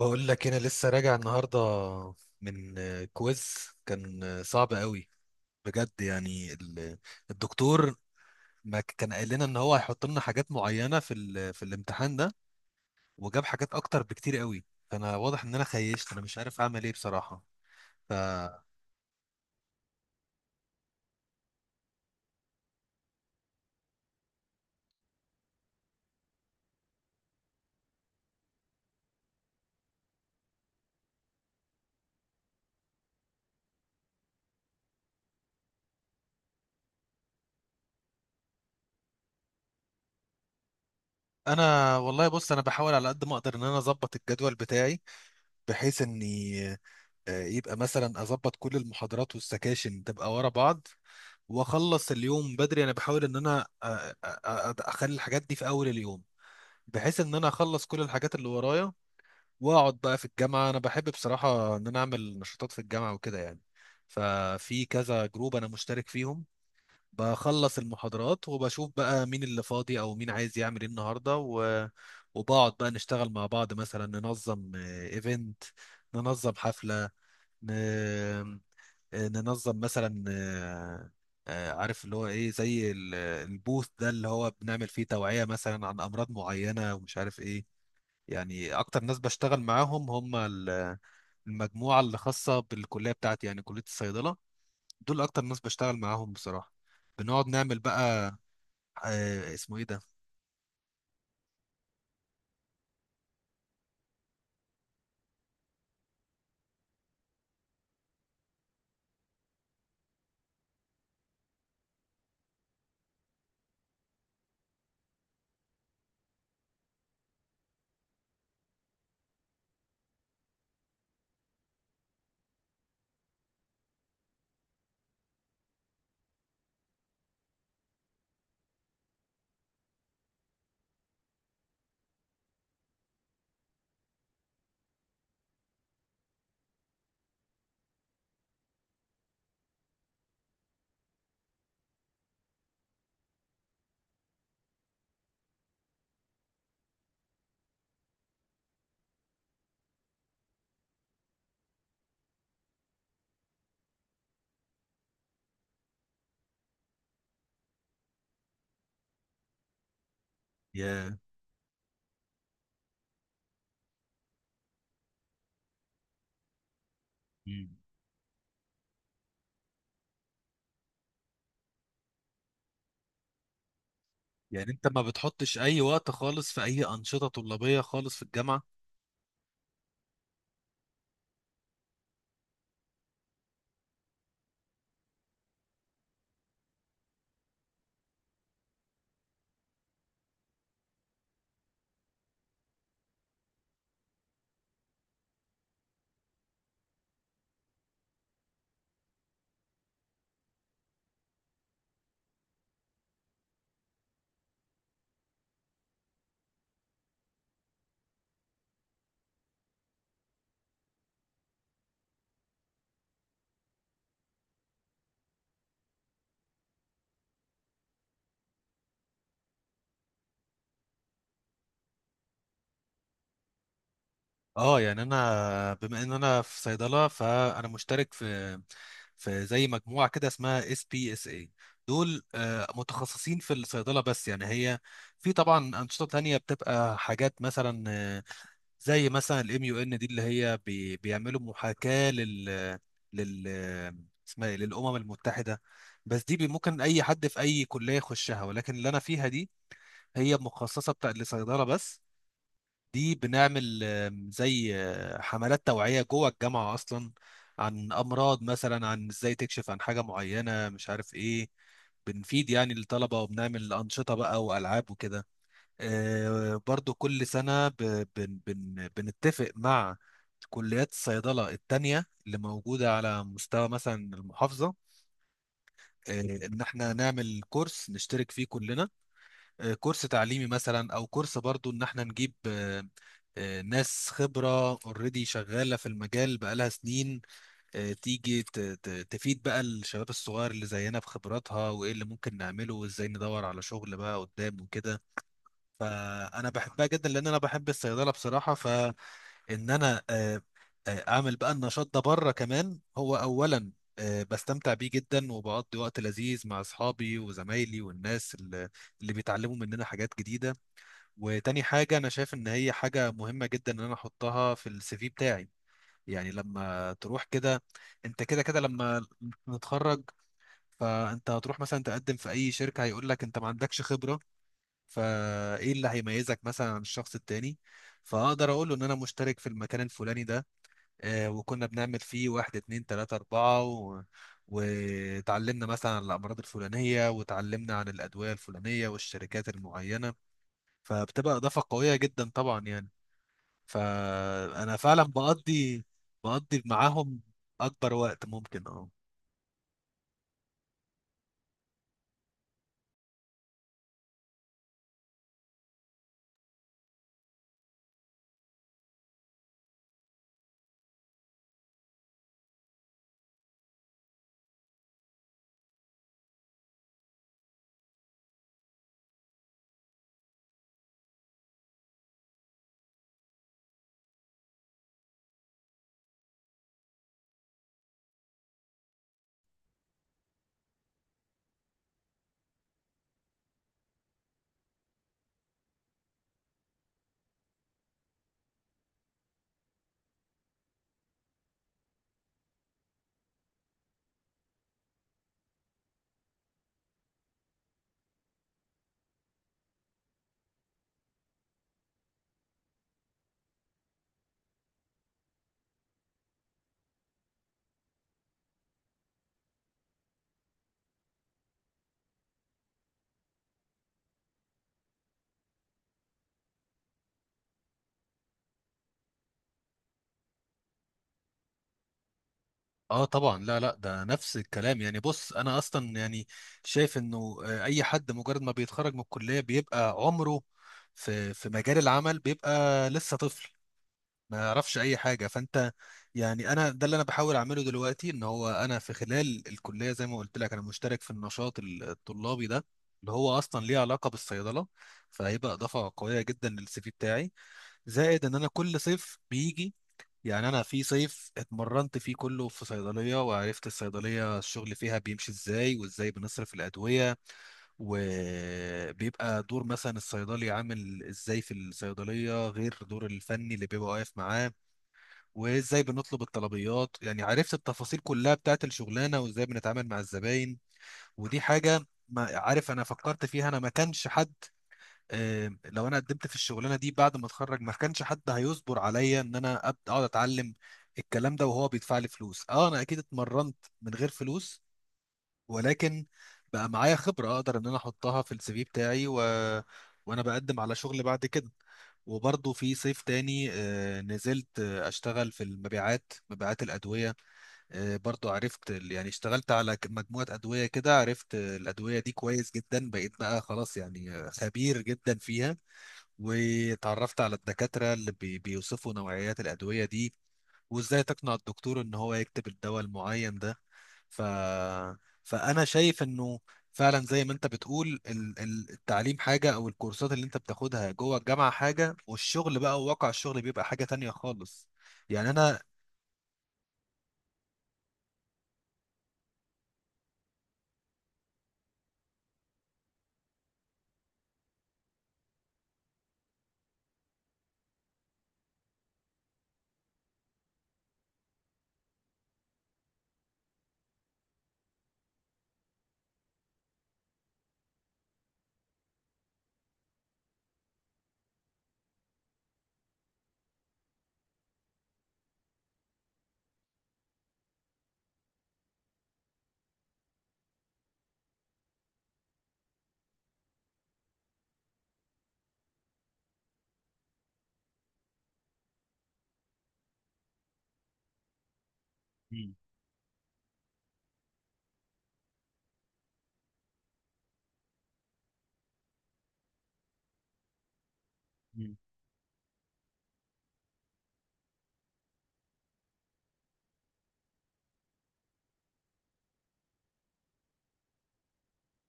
بقول لك انا لسه راجع النهارده من كويز. كان صعب قوي، بجد. يعني الدكتور، ما كان قال لنا ان هو هيحط لنا حاجات معينه في الامتحان ده، وجاب حاجات اكتر بكتير قوي. فانا واضح ان انا خيشت، انا مش عارف اعمل ايه بصراحه. فانا والله بص، انا بحاول على قد ما اقدر ان انا اظبط الجدول بتاعي، بحيث اني يبقى مثلا اظبط كل المحاضرات والسكاشن تبقى ورا بعض، واخلص اليوم بدري. انا بحاول ان انا اخلي الحاجات دي في اول اليوم، بحيث ان انا اخلص كل الحاجات اللي ورايا واقعد بقى في الجامعة. انا بحب بصراحة ان انا اعمل نشاطات في الجامعة وكده يعني. ففي كذا جروب انا مشترك فيهم. بخلص المحاضرات وبشوف بقى مين اللي فاضي او مين عايز يعمل ايه النهارده. وبقعد بقى نشتغل مع بعض، مثلا ننظم ايفنت، ننظم حفلة. ن... آه، ننظم مثلا، عارف اللي هو ايه، زي البوث ده اللي هو بنعمل فيه توعية مثلا عن امراض معينة ومش عارف ايه. يعني اكتر ناس بشتغل معاهم هم المجموعة اللي خاصة بالكلية بتاعتي، يعني كلية الصيدلة. دول اكتر ناس بشتغل معاهم بصراحة. بنقعد نعمل بقى، اسمه ايه ده؟ يا. مم. يعني انت ما بتحطش اي وقت خالص في اي انشطة طلابية خالص في الجامعة؟ اه، يعني انا بما ان انا في صيدله، فانا مشترك في زي مجموعه كده اسمها SBSI. دول متخصصين في الصيدله بس، يعني هي في طبعا انشطه تانية بتبقى حاجات مثلا زي مثلا الـMUN دي، اللي هي بيعملوا محاكاه لل لل اسمها ايه، للامم المتحده. بس دي ممكن اي حد في اي كليه يخشها، ولكن اللي انا فيها دي هي مخصصه بتاع لصيدله بس. دي بنعمل زي حملات توعية جوه الجامعة أصلا، عن أمراض مثلا، عن إزاي تكشف عن حاجة معينة، مش عارف إيه. بنفيد يعني الطلبة، وبنعمل أنشطة بقى وألعاب وكده. برضو كل سنة ب- بن بن بنتفق مع كليات الصيدلة التانية اللي موجودة على مستوى مثلا المحافظة، إن إحنا نعمل كورس نشترك فيه كلنا، كورس تعليمي مثلا، او كورس برضو ان احنا نجيب ناس خبرة اوريدي شغالة في المجال بقالها سنين، تيجي تفيد بقى الشباب الصغير اللي زينا بخبراتها، وايه اللي ممكن نعمله وازاي ندور على شغل بقى قدام وكده. فانا بحبها جدا، لان انا بحب الصيدلة بصراحة. فان انا اعمل بقى النشاط ده بره كمان. هو اولا بستمتع بيه جدا، وبقضي وقت لذيذ مع اصحابي وزمايلي، والناس اللي بيتعلموا مننا حاجات جديدة. وتاني حاجة، أنا شايف إن هي حاجة مهمة جدا إن أنا أحطها في CV بتاعي. يعني لما تروح كده، أنت كده كده لما نتخرج، فأنت هتروح مثلا تقدم في أي شركة، هيقول لك أنت ما عندكش خبرة. فإيه اللي هيميزك مثلا عن الشخص التاني؟ فأقدر أقول له إن أنا مشترك في المكان الفلاني ده، وكنا بنعمل فيه واحد اتنين تلاتة أربعة. وتعلمنا مثلا عن الأمراض الفلانية، وتعلمنا عن الأدوية الفلانية والشركات المعينة. فبتبقى إضافة قوية جدا طبعا يعني. فانا فعلا بقضي معاهم اكبر وقت ممكن، اه. اه، طبعا، لا لا، ده نفس الكلام. يعني بص، انا اصلا يعني شايف انه اي حد مجرد ما بيتخرج من الكليه بيبقى عمره في مجال العمل، بيبقى لسه طفل ما يعرفش اي حاجه. فانت يعني انا، ده اللي انا بحاول اعمله دلوقتي، ان هو انا في خلال الكليه زي ما قلت لك انا مشترك في النشاط الطلابي ده اللي هو اصلا ليه علاقه بالصيدله، فهيبقى اضافه قويه جدا لـCV بتاعي. زائد ان انا كل صيف بيجي، يعني انا في صيف اتمرنت فيه كله في صيدليه، وعرفت الصيدليه الشغل فيها بيمشي ازاي، وازاي بنصرف الادويه، وبيبقى دور مثلا الصيدلي عامل ازاي في الصيدليه غير دور الفني اللي بيبقى واقف معاه، وازاي بنطلب الطلبيات. يعني عرفت التفاصيل كلها بتاعت الشغلانه، وازاي بنتعامل مع الزباين. ودي حاجه ما عارف انا فكرت فيها، انا ما كانش حد، لو انا قدمت في الشغلانه دي بعد ما اتخرج ما كانش حد هيصبر عليا ان انا ابدا اقعد اتعلم الكلام ده وهو بيدفع لي فلوس. اه، انا اكيد اتمرنت من غير فلوس، ولكن بقى معايا خبره اقدر ان انا احطها في CV بتاعي. وانا بقدم على شغل بعد كده. وبرضه في صيف تاني نزلت اشتغل في المبيعات، مبيعات الادويه. برضه عرفت يعني اشتغلت على مجموعه ادويه كده، عرفت الادويه دي كويس جدا، بقيت بقى خلاص يعني خبير جدا فيها. وتعرفت على الدكاترة اللي بيوصفوا نوعيات الأدوية دي، وإزاي تقنع الدكتور إن هو يكتب الدواء المعين ده. ف... فأنا شايف إنه فعلا زي ما أنت بتقول، التعليم حاجة، أو الكورسات اللي أنت بتاخدها جوه الجامعة حاجة، والشغل بقى وواقع الشغل بيبقى حاجة تانية خالص. يعني أنا. مم. مم.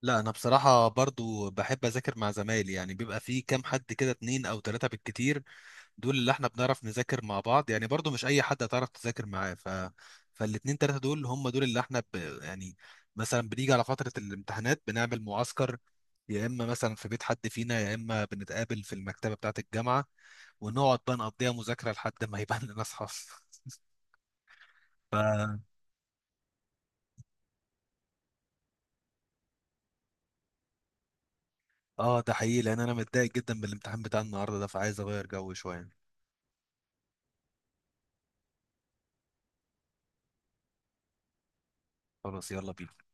لا، أنا بصراحة برضو بحب أذاكر مع زمايلي. يعني بيبقى في كام حد كده، اتنين أو تلاتة بالكتير، دول اللي احنا بنعرف نذاكر مع بعض، يعني برضو مش اي حد هتعرف تذاكر معاه. فالاتنين تلاتة دول هم دول اللي احنا يعني مثلا بنيجي على فترة الامتحانات بنعمل معسكر، يا اما مثلا في بيت حد فينا، يا اما بنتقابل في المكتبة بتاعة الجامعة، ونقعد بقى نقضيها مذاكرة لحد ما يبان لنا اصحاب ف اه، ده حقيقي، لان انا متضايق جدا من الامتحان بتاع النهارده ده، فعايز اغير جو شوية. خلاص، يلا بينا.